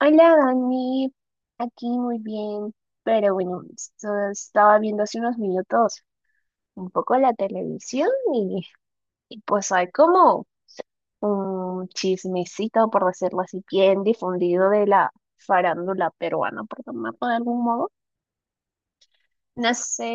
Hola Dani, aquí muy bien, pero bueno, estaba viendo hace unos minutos un poco la televisión y pues hay como un chismecito, por decirlo así, bien difundido de la farándula peruana, por llamarlo de algún modo. No sé,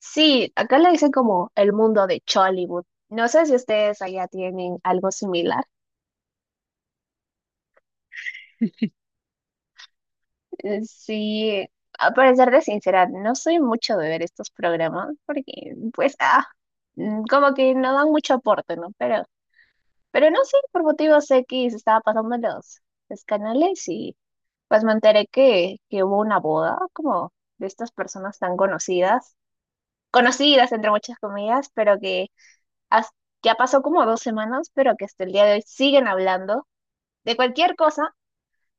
sí, acá le dicen como el mundo de Chollywood. No sé si ustedes allá tienen algo similar. Sí, para serte sincera, no soy mucho de ver estos programas porque, pues, como que no dan mucho aporte, ¿no? Pero no sé, por motivos X estaba pasando los canales y pues me enteré que hubo una boda como de estas personas tan conocidas, conocidas entre muchas comillas, pero que has- ya pasó como 2 semanas, pero que hasta el día de hoy siguen hablando de cualquier cosa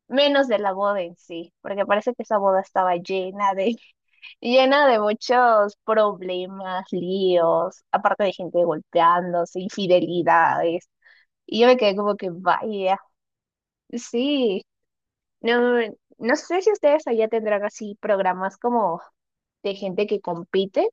menos de la boda en sí, porque parece que esa boda estaba llena de muchos problemas, líos, aparte de gente golpeándose, infidelidades. Y yo me quedé como que, vaya, sí, no, no sé si ustedes allá tendrán así programas como de gente que compite.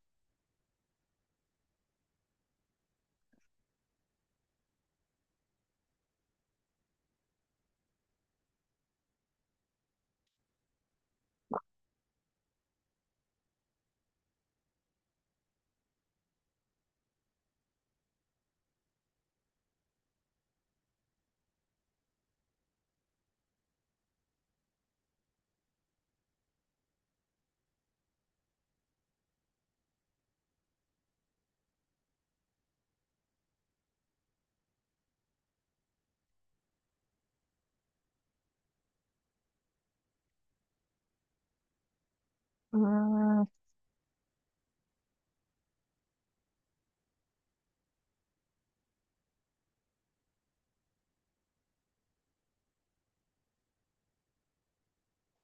Mm,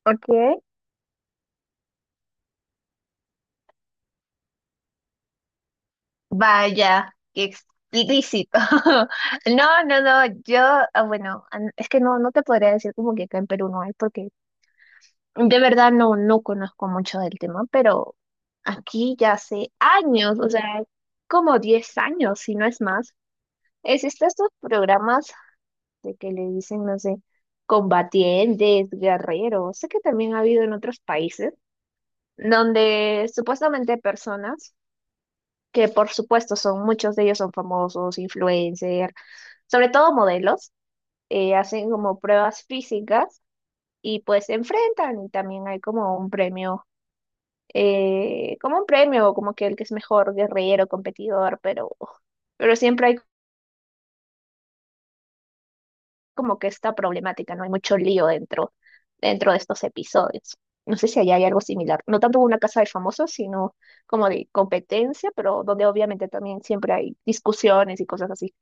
ok. Vaya, qué explícito. No, no, no, yo, bueno, es que no, no te podría decir como que acá en Perú no hay, porque de verdad no, no conozco mucho del tema, pero aquí ya hace años, o sea, como 10 años, si no es más, existen estos programas de que le dicen, no sé, combatientes, guerreros, sé que también ha habido en otros países, donde supuestamente personas, que por supuesto son, muchos de ellos son famosos, influencers, sobre todo modelos, hacen como pruebas físicas y pues se enfrentan y también hay como un premio como un premio, como que el que es mejor guerrillero, competidor, pero, siempre hay como que esta problemática, ¿no? Hay mucho lío dentro de estos episodios. No sé si allá hay algo similar. No tanto una casa de famosos, sino como de competencia, pero donde obviamente también siempre hay discusiones y cosas así.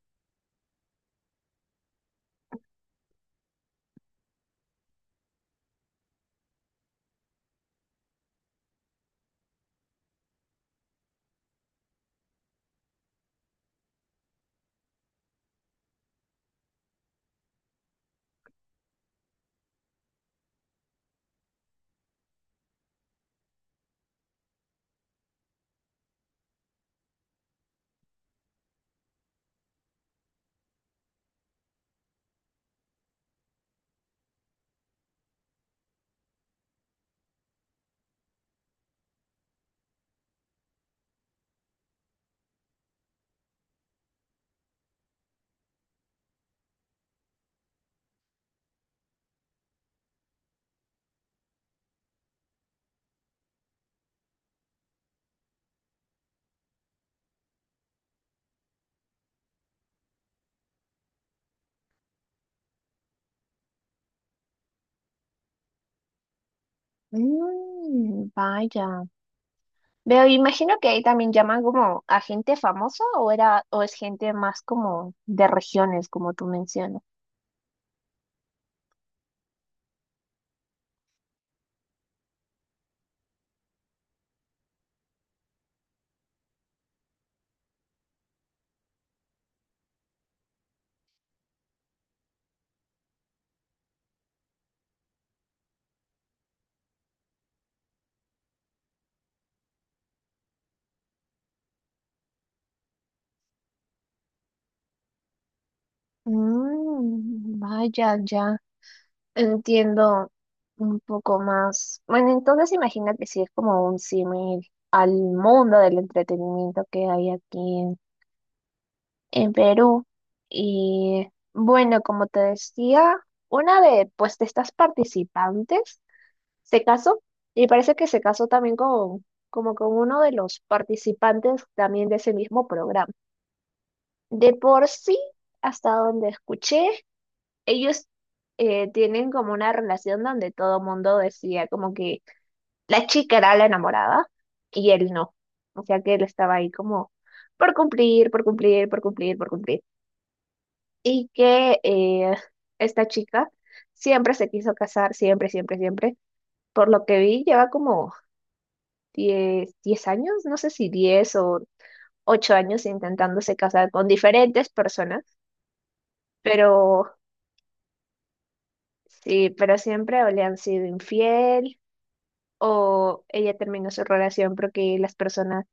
Mm, vaya. Veo, imagino que ahí también llaman como a gente famosa o era, o es gente más como de regiones, como tú mencionas. Mm, vaya, ya. Entiendo un poco más. Bueno, entonces imagino que sí es como un símil al mundo del entretenimiento que hay aquí en Perú. Y bueno, como te decía, una de pues de estas participantes se casó y parece que se casó también con, como con uno de los participantes también de ese mismo programa. De por sí, hasta donde escuché, ellos tienen como una relación donde todo mundo decía como que la chica era la enamorada y él no. O sea que él estaba ahí como por cumplir, por cumplir, por cumplir, por cumplir. Y que esta chica siempre se quiso casar, siempre, siempre, siempre. Por lo que vi, lleva como diez años, no sé si 10 o 8 años intentándose casar con diferentes personas, pero sí, pero siempre o le han sido infiel o ella terminó su relación porque las personas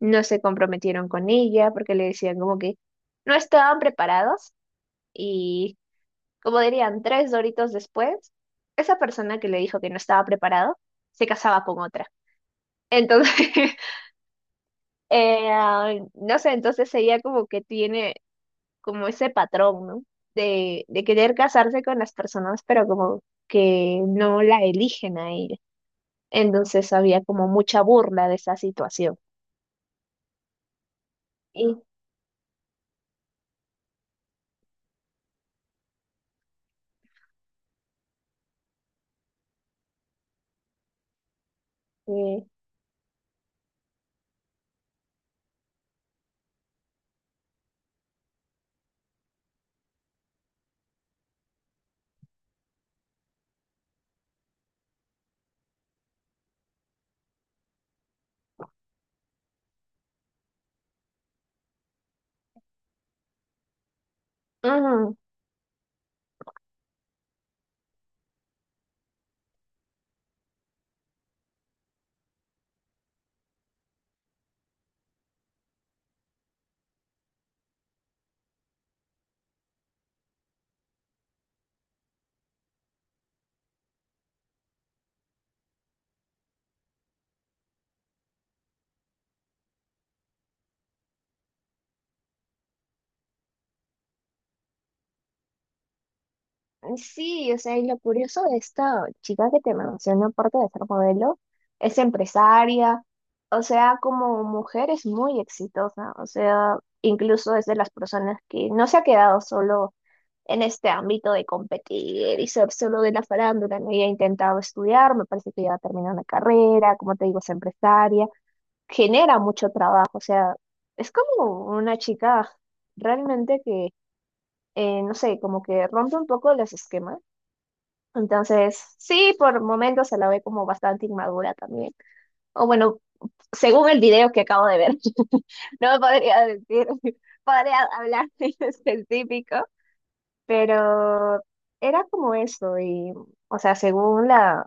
no se comprometieron con ella, porque le decían como que no estaban preparados y como dirían, tres doritos después, esa persona que le dijo que no estaba preparado se casaba con otra. Entonces, no sé, entonces ella como que tiene como ese patrón, ¿no? De querer casarse con las personas, pero como que no la eligen a ella. Entonces había como mucha burla de esa situación. Y, eh, ujú, sí, o sea, y lo curioso de esta chica que te menciono, aparte de ser modelo, es empresaria, o sea, como mujer es muy exitosa, o sea, incluso es de las personas que no se ha quedado solo en este ámbito de competir y ser solo de la farándula. No había intentado estudiar, me parece que ya terminó una carrera, como te digo, es empresaria, genera mucho trabajo, o sea, es como una chica realmente que, no sé, como que rompe un poco los esquemas. Entonces, sí, por momentos se la ve como bastante inmadura también. O bueno, según el video que acabo de ver, no podría decir, podría hablar en específico. Pero era como eso, y, o sea, según la,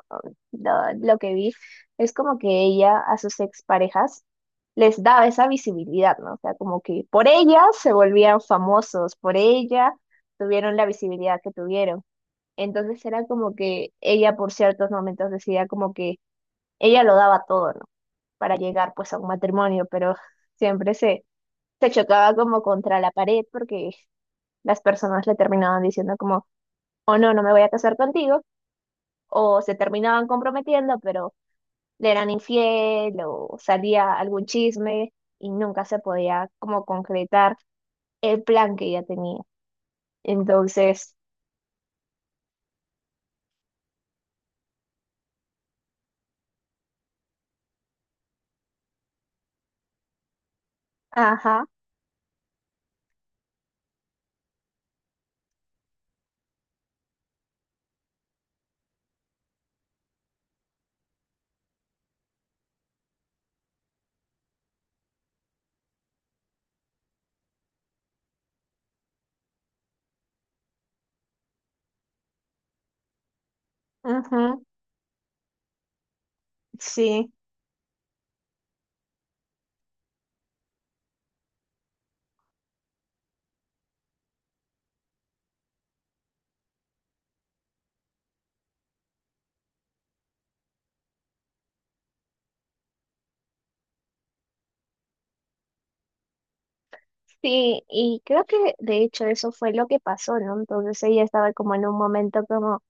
la- lo que vi, es como que ella a sus exparejas les daba esa visibilidad, ¿no? O sea, como que por ella se volvían famosos, por ella tuvieron la visibilidad que tuvieron. Entonces era como que ella por ciertos momentos decía como que ella lo daba todo, ¿no? Para llegar pues a un matrimonio, pero siempre se chocaba como contra la pared porque las personas le terminaban diciendo como o no, no me voy a casar contigo, o se terminaban comprometiendo, pero le eran infiel o salía algún chisme y nunca se podía como concretar el plan que ella tenía. Entonces, ajá, ujú, sí. Sí, y creo que de hecho eso fue lo que pasó, ¿no? Entonces ella estaba como en un momento como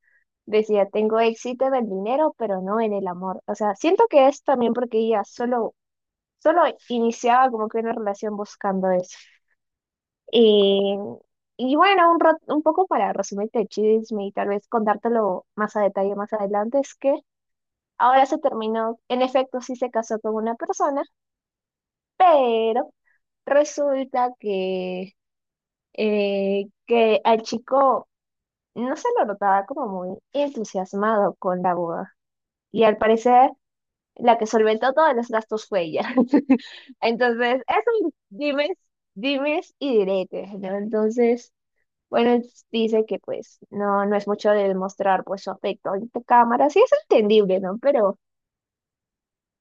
decía, tengo éxito en el dinero, pero no en el amor. O sea, siento que es también porque ella solo iniciaba como que una relación buscando eso. Y, y bueno, un, un poco para resumirte el chisme y tal vez contártelo más a detalle más adelante, es que ahora se terminó, en efecto sí se casó con una persona, pero resulta que al chico no se lo notaba como muy entusiasmado con la boda. Y al parecer la que solventó todos los gastos fue ella. Entonces, es un dimes y diretes, ¿no? Entonces... Bueno, entonces dice que pues no, no es mucho de demostrar pues su afecto ante cámara, sí es entendible, ¿no? Pero,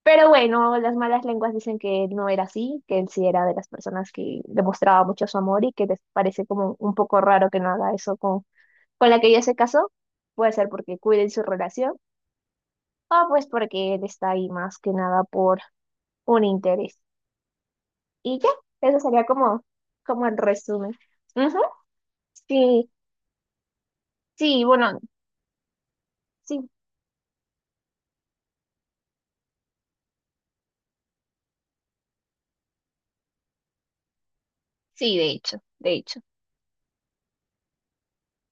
pero bueno, las malas lenguas dicen que no era así, que él sí era de las personas que demostraba mucho su amor y que les parece como un poco raro que no haga eso con la que ella se casó. Puede ser porque cuiden su relación o pues porque él está ahí más que nada por un interés. Y ya, eso sería como, como el resumen. Ujú, sí, sí, bueno, sí, sí, de hecho, de hecho.